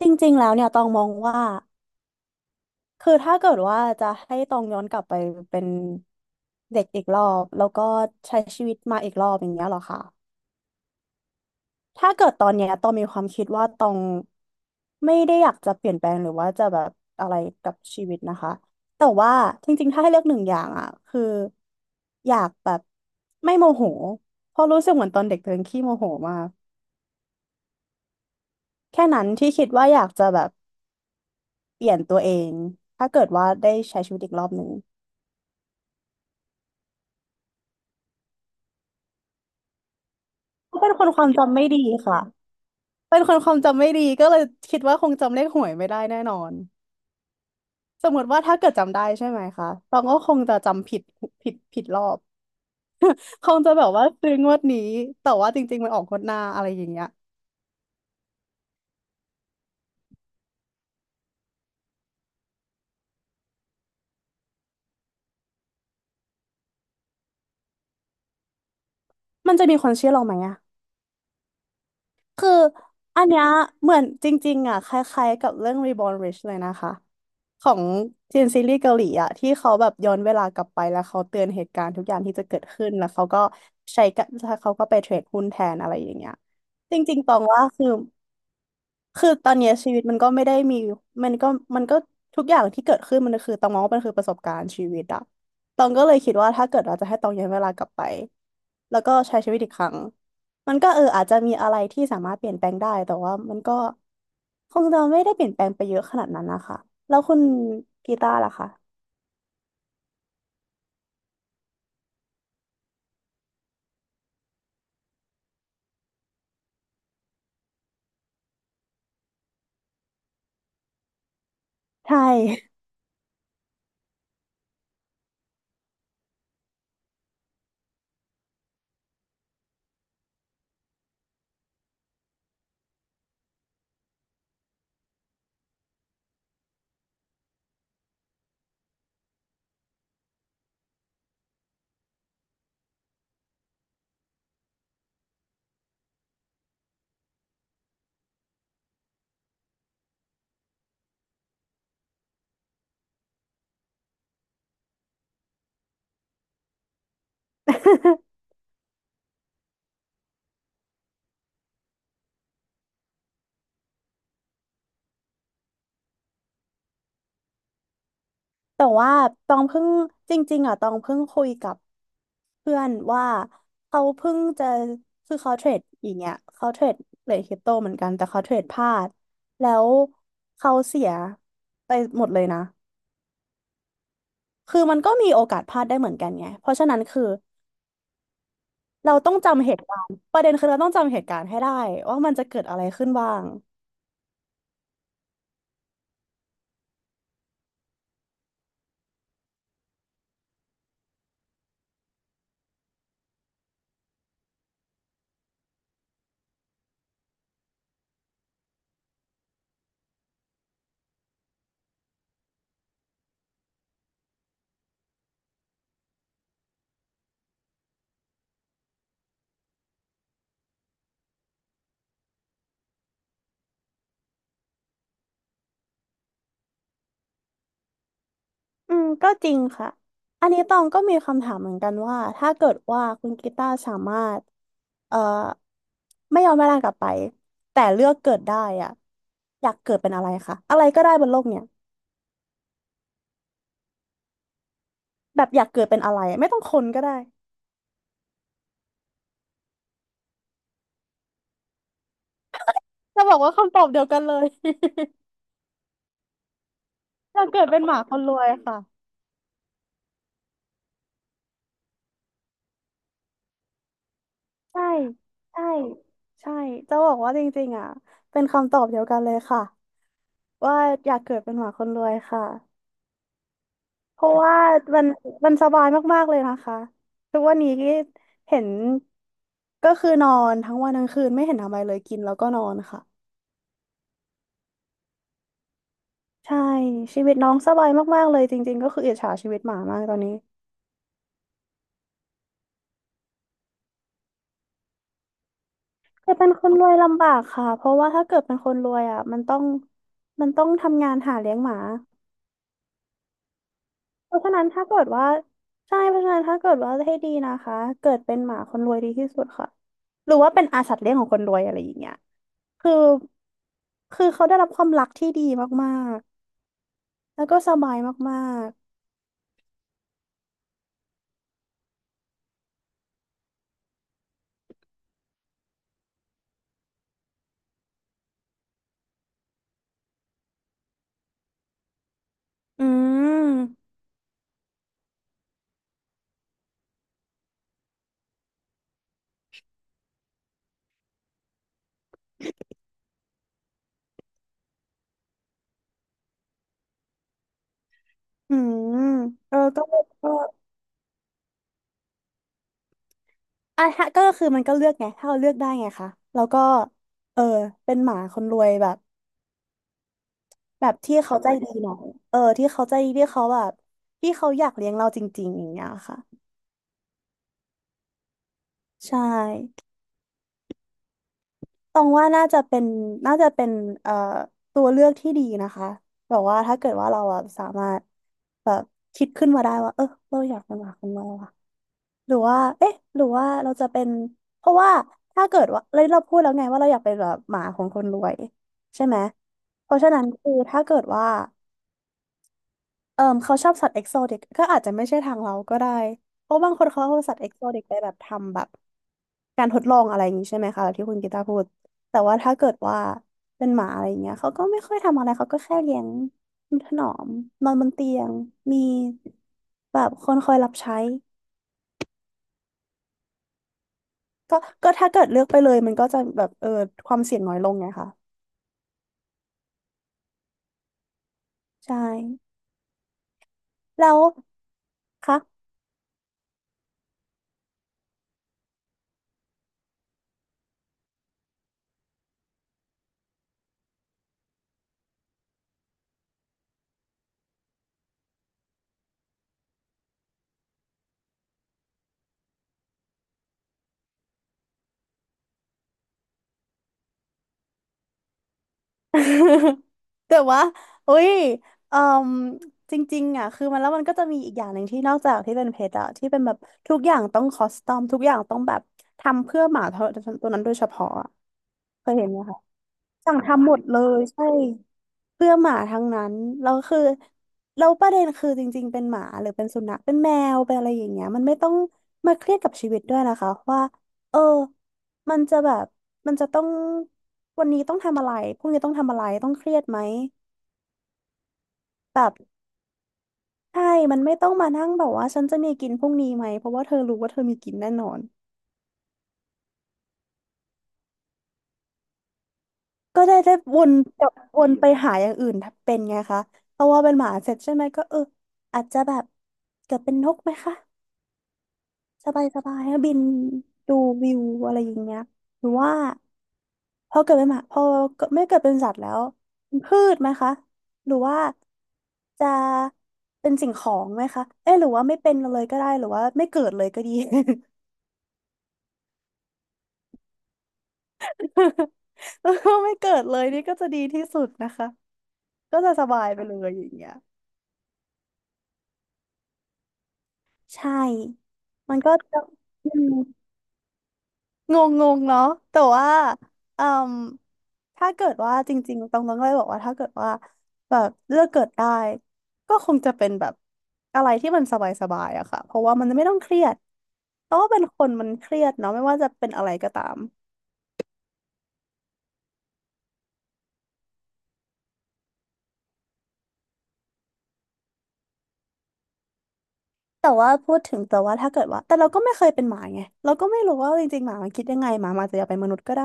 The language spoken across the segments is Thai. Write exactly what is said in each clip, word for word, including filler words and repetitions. จริงๆแล้วเนี่ยตองมองว่าคือถ้าเกิดว่าจะให้ตองย้อนกลับไปเป็นเด็กอีกรอบแล้วก็ใช้ชีวิตมาอีกรอบอย่างเงี้ยเหรอคะถ้าเกิดตอนเนี้ยตองมีความคิดว่าตองไม่ได้อยากจะเปลี่ยนแปลงหรือว่าจะแบบอะไรกับชีวิตนะคะแต่ว่าจริงๆถ้าให้เลือกหนึ่งอย่างอ่ะคืออยากแบบไม่โมโหเพราะรู้สึกเหมือนตอนเด็กตัวเองขี้โมโหมากแค่นั้นที่คิดว่าอยากจะแบบเปลี่ยนตัวเองถ้าเกิดว่าได้ใช้ชีวิตอีกรอบหนึ่ง เขาเป็นคนความจำไม่ดีค่ะ เป็นคนความจำไม่ดีก็เลยคิดว่าคงจำเลขหวยไม่ได้แน่นอน สมมติว่าถ้าเกิดจำได้ใช่ไหมคะตองก็คงจะจำผิดผิดผิดรอบ คงจะแบบว่าซื้องวดนี้แต่ว่าจริงๆมันออกงวดหน้าอะไรอย่างเงี้ยมันจะมีคนเชื่อเราไหมอะคืออันเนี้ยเหมือนจริงๆอะคล้ายๆกับเรื่อง Reborn Rich เลยนะคะ ของจีนซีรีส์เกาหลีอะที่เขาแบบย้อนเวลากลับไปแล้วเขาเตือนเหตุการณ์ทุกอย่างที่จะเกิดขึ้นแล้วเขาก็ใช้กะแล้วเขาก็ไปเทรดหุ้นแทนอะไรอย่างเงี้ยจริงๆตองว่าคือ คือตอนเนี้ยชีวิตมันก็ไม่ได้มีมันก็มันก็ทุกอย่างที่เกิดขึ้นมันคือตองมองว่ามันคือประสบการณ์ชีวิตอะตองก็เลยคิดว่าถ้าเกิดเราจะให้ตองย้อนเวลากลับไปแล้วก็ใช้ชีวิตอีกครั้งมันก็เอออาจจะมีอะไรที่สามารถเปลี่ยนแปลงได้แต่ว่ามันก็คงจะไม่ได้เปลี่ยนแปลงไปเยอะขนาดนั้นนะคะแล้วคุณกีตาร์ล่ะคะใช่ แต่ว่าตองเพิ่งจริงๆอ่ะตองเพิ่งคุยกับ เพื่อนว่าเขาเพิ่งจะคือเขาเทรดอย่างเงี้ยเขาเทรดเหรียญคริปโตเหมือนกันแต่เขาเทรดพลาดแล้วเขาเสียไปหมดเลยนะคือมันก็มีโอกาสพลาดได้เหมือนกันไงเพราะฉะนั้นคือเราต้องจำเหตุการณ์ประเด็นคือเราต้องจำเหตุการณ์ให้ได้ว่ามันจะเกิดอะไรขึ้นบ้าง อืมก็จริงค่ะอันนี้ตองก็มีคำถามเหมือนกันว่าถ้าเกิดว่าคุณกีตาร์สามารถเอ่อไม่ยอมแม่ร่างกลับไปแต่เลือกเกิดได้อ่ะอยากเกิดเป็นอะไรคะอะไรก็ได้บนโลกเนี่ยแบบอยากเกิดเป็นอะไรไม่ต้องคนก็ได้จะบอกว่าคำตอบเดียวกันเลย อยากเกิดเป็นหมาคนรวยค่ะใช่ใช่ใช่จะบอกว่าจริงๆอ่ะเป็นคำตอบเดียวกันเลยค่ะว่าอยากเกิดเป็นหมาคนรวยค่ะ เพราะว่ามันมันสบายมากๆเลยนะคะทุกวันนี้ที่เห็นก็คือนอนทั้งวันทั้งคืนไม่เห็นทำอะไรเลยกินแล้วก็นอนค่ะใช่ชีวิตน้องสบายมากๆเลยจริงๆก็คืออิจฉาชีวิตหมามากตอนนี้แต่เป็นคนรวยลำบากค่ะเพราะว่าถ้าเกิดเป็นคนรวยอ่ะมันต้องมันต้องทำงานหาเลี้ยงหมาเพราะฉะนั้นถ้าเกิดว่าใช่เพราะฉะนั้นถ้าเกิดว่าให้ดีนะคะเกิดเป็นหมาคนรวยดีที่สุดค่ะหรือว่าเป็นอาสัตว์เลี้ยงของคนรวยอะไรอย่างเงี้ย คือคือเขาได้รับความรักที่ดีมากๆแล้วก็สบายมากๆอืมอืมเออก็ก็อ่ะฮะก็คือมันก็เลือกไงถ้าเราเลือกได้ไงคะแล้วก็เออเป็นหมาคนรวยแบบแบบที่เขาใจดีหน่อยเออที่เขาใจดีที่เขาแบบที่เขาอยากเลี้ยงเราจริงๆอย่างเงี้ยค่ะใช่ ตรงว่าน่าจะเป็นน่าจะเป็นเอ่อตัวเลือกที่ดีนะคะแบบว่าถ้าเกิดว่าเราอะสามารถแบบคิดขึ้นมาได้ว่าเออเราอยากเป็นหมาของเราอะหรือว่าเอ๊ะหรือว่าเราจะเป็นเพราะว่าถ้าเกิดว่าเราเราพูดแล้วไงว่าเราอยากเป็นแบบหมาของคนรวยใช่ไหมเพราะฉะนั้นคือถ้าเกิดว่าเออเขาชอบสัตว์เอกโซติกก็อาจจะไม่ใช่ทางเราก็ได้เพราะบางคนเขาเอาสัตว์เอกโซติกไปแบบทำแบบ การทดลองอะไรอย่างนี้ใช่ไหมคะที่คุณกีตาร์พูดแต่ว่าถ้าเกิดว่าเป็นหมาอะไรอย่างเงี้ยเขาก็ไม่ค่อยทำอะไร เขาก็แค่เลี้ยงถนอมนอนบนเตียง มีแบบคนคอยรับใช้ก็ก็ถ้าเกิดเลือกไปเลยมันก็จะแบบเออความเสี่ยงน้อยลงไงคะ ใช่แล้วคะ แต่ว่าเอ้ยเอ่มจริงๆอ่ะคือมันแล้วมันก็จะมีอีกอย่างหนึ่งที่นอกจากที่เป็นเพชรอะที่เป็นแบบทุกอย่างต้องคอสตอมทุกอย่างต้องแบบทำเพื่อหมาตัวตัวนั้นโดยเฉพาะอะเคยเห็นไหมคะสั่งทำหมดเลยใช่ เพื่อหมาทั้งนั้นแล้วคือแล้วประเด็นคือจริงๆเป็นหมาหรือเป็นสุนัขเป็นแมวเป็นอะไรอย่างเงี้ยมันไม่ต้องมาเครียดกับชีวิตด้วยนะคะว่าเออมันจะแบบมันจะต้องวันนี้ต้องทำอะไรพรุ่งนี้ต้องทำอะไรต้องเครียดไหมแบบใช่มันไม่ต้องมานั่งแบบว่าฉันจะมีกินพรุ่งนี้ไหมเพราะว่าเธอรู้ว่าเธอมีกินแน่นอนก็ได้ได้วนกลับวนไปหาอย่างอื่นเป็นไงคะเพราะว่าเป็นหมาเสร็จใช่ไหมก็เอออาจจะแบบเกิดเป็นนกไหมคะ สบายสบายบินดูวิวอะไรอย่างเงี้ยหรือว่าพอเกิดเป็นหมาพอเกิดไม่เกิดเป็นสัตว์แล้วเป็นพืชไหมคะหรือว่าจะเป็นสิ่งของไหมคะเอ๊ะหรือว่าไม่เป็นเลยก็ได้หรือว่าไม่เกิดเลยก็ดี แล้วก็ไม่เกิดเลยนี่ก็จะดีที่สุดนะคะก็จะสบายไปเลยอย่างเงี้ยใช่มันก็จะอืม งงงงเนาะแต่ว่าอืมถ้าเกิดว่าจริงๆตองต้องเลยบอกว่าถ้าเกิดว่าแบบเลือกเกิดได้ก็คงจะเป็นแบบอะไรที่มันสบายๆอะค่ะเพราะว่ามันไม่ต้องเครียดเพราะว่าเป็นคนมันเครียดเนาะไม่ว่าจะเป็นอะไรก็ตามแต่ว่าพูดถึงแต่ว่าถ้าเกิดว่าแต่เราก็ไม่เคยเป็นหมาไงเราก็ไม่รู้ว่าจริงๆหมามันคิดยังไงหมามันอาจจะอยากเป็นมนุษย์ก็ได้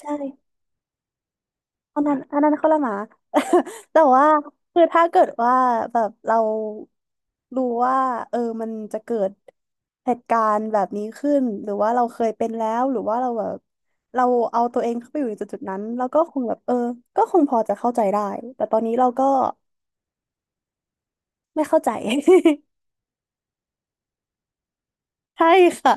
ใช่ อันนั้นอันนั้นคนละหมา แต่ว่าคือถ้าเกิดว่าแบบเรารู้ว่าเออมันจะเกิดเหตุการณ์แบบนี้ขึ้นหรือว่าเราเคยเป็นแล้วหรือว่าเราแบบเราเอาตัวเองเข้าไปอยู่ในจุดจุดนั้นเราก็คงแบบเออก็คงพอจะเข้าใจได้แต่ตอนนี้เราก็ไม่เข้าใจ ใช่ค่ะ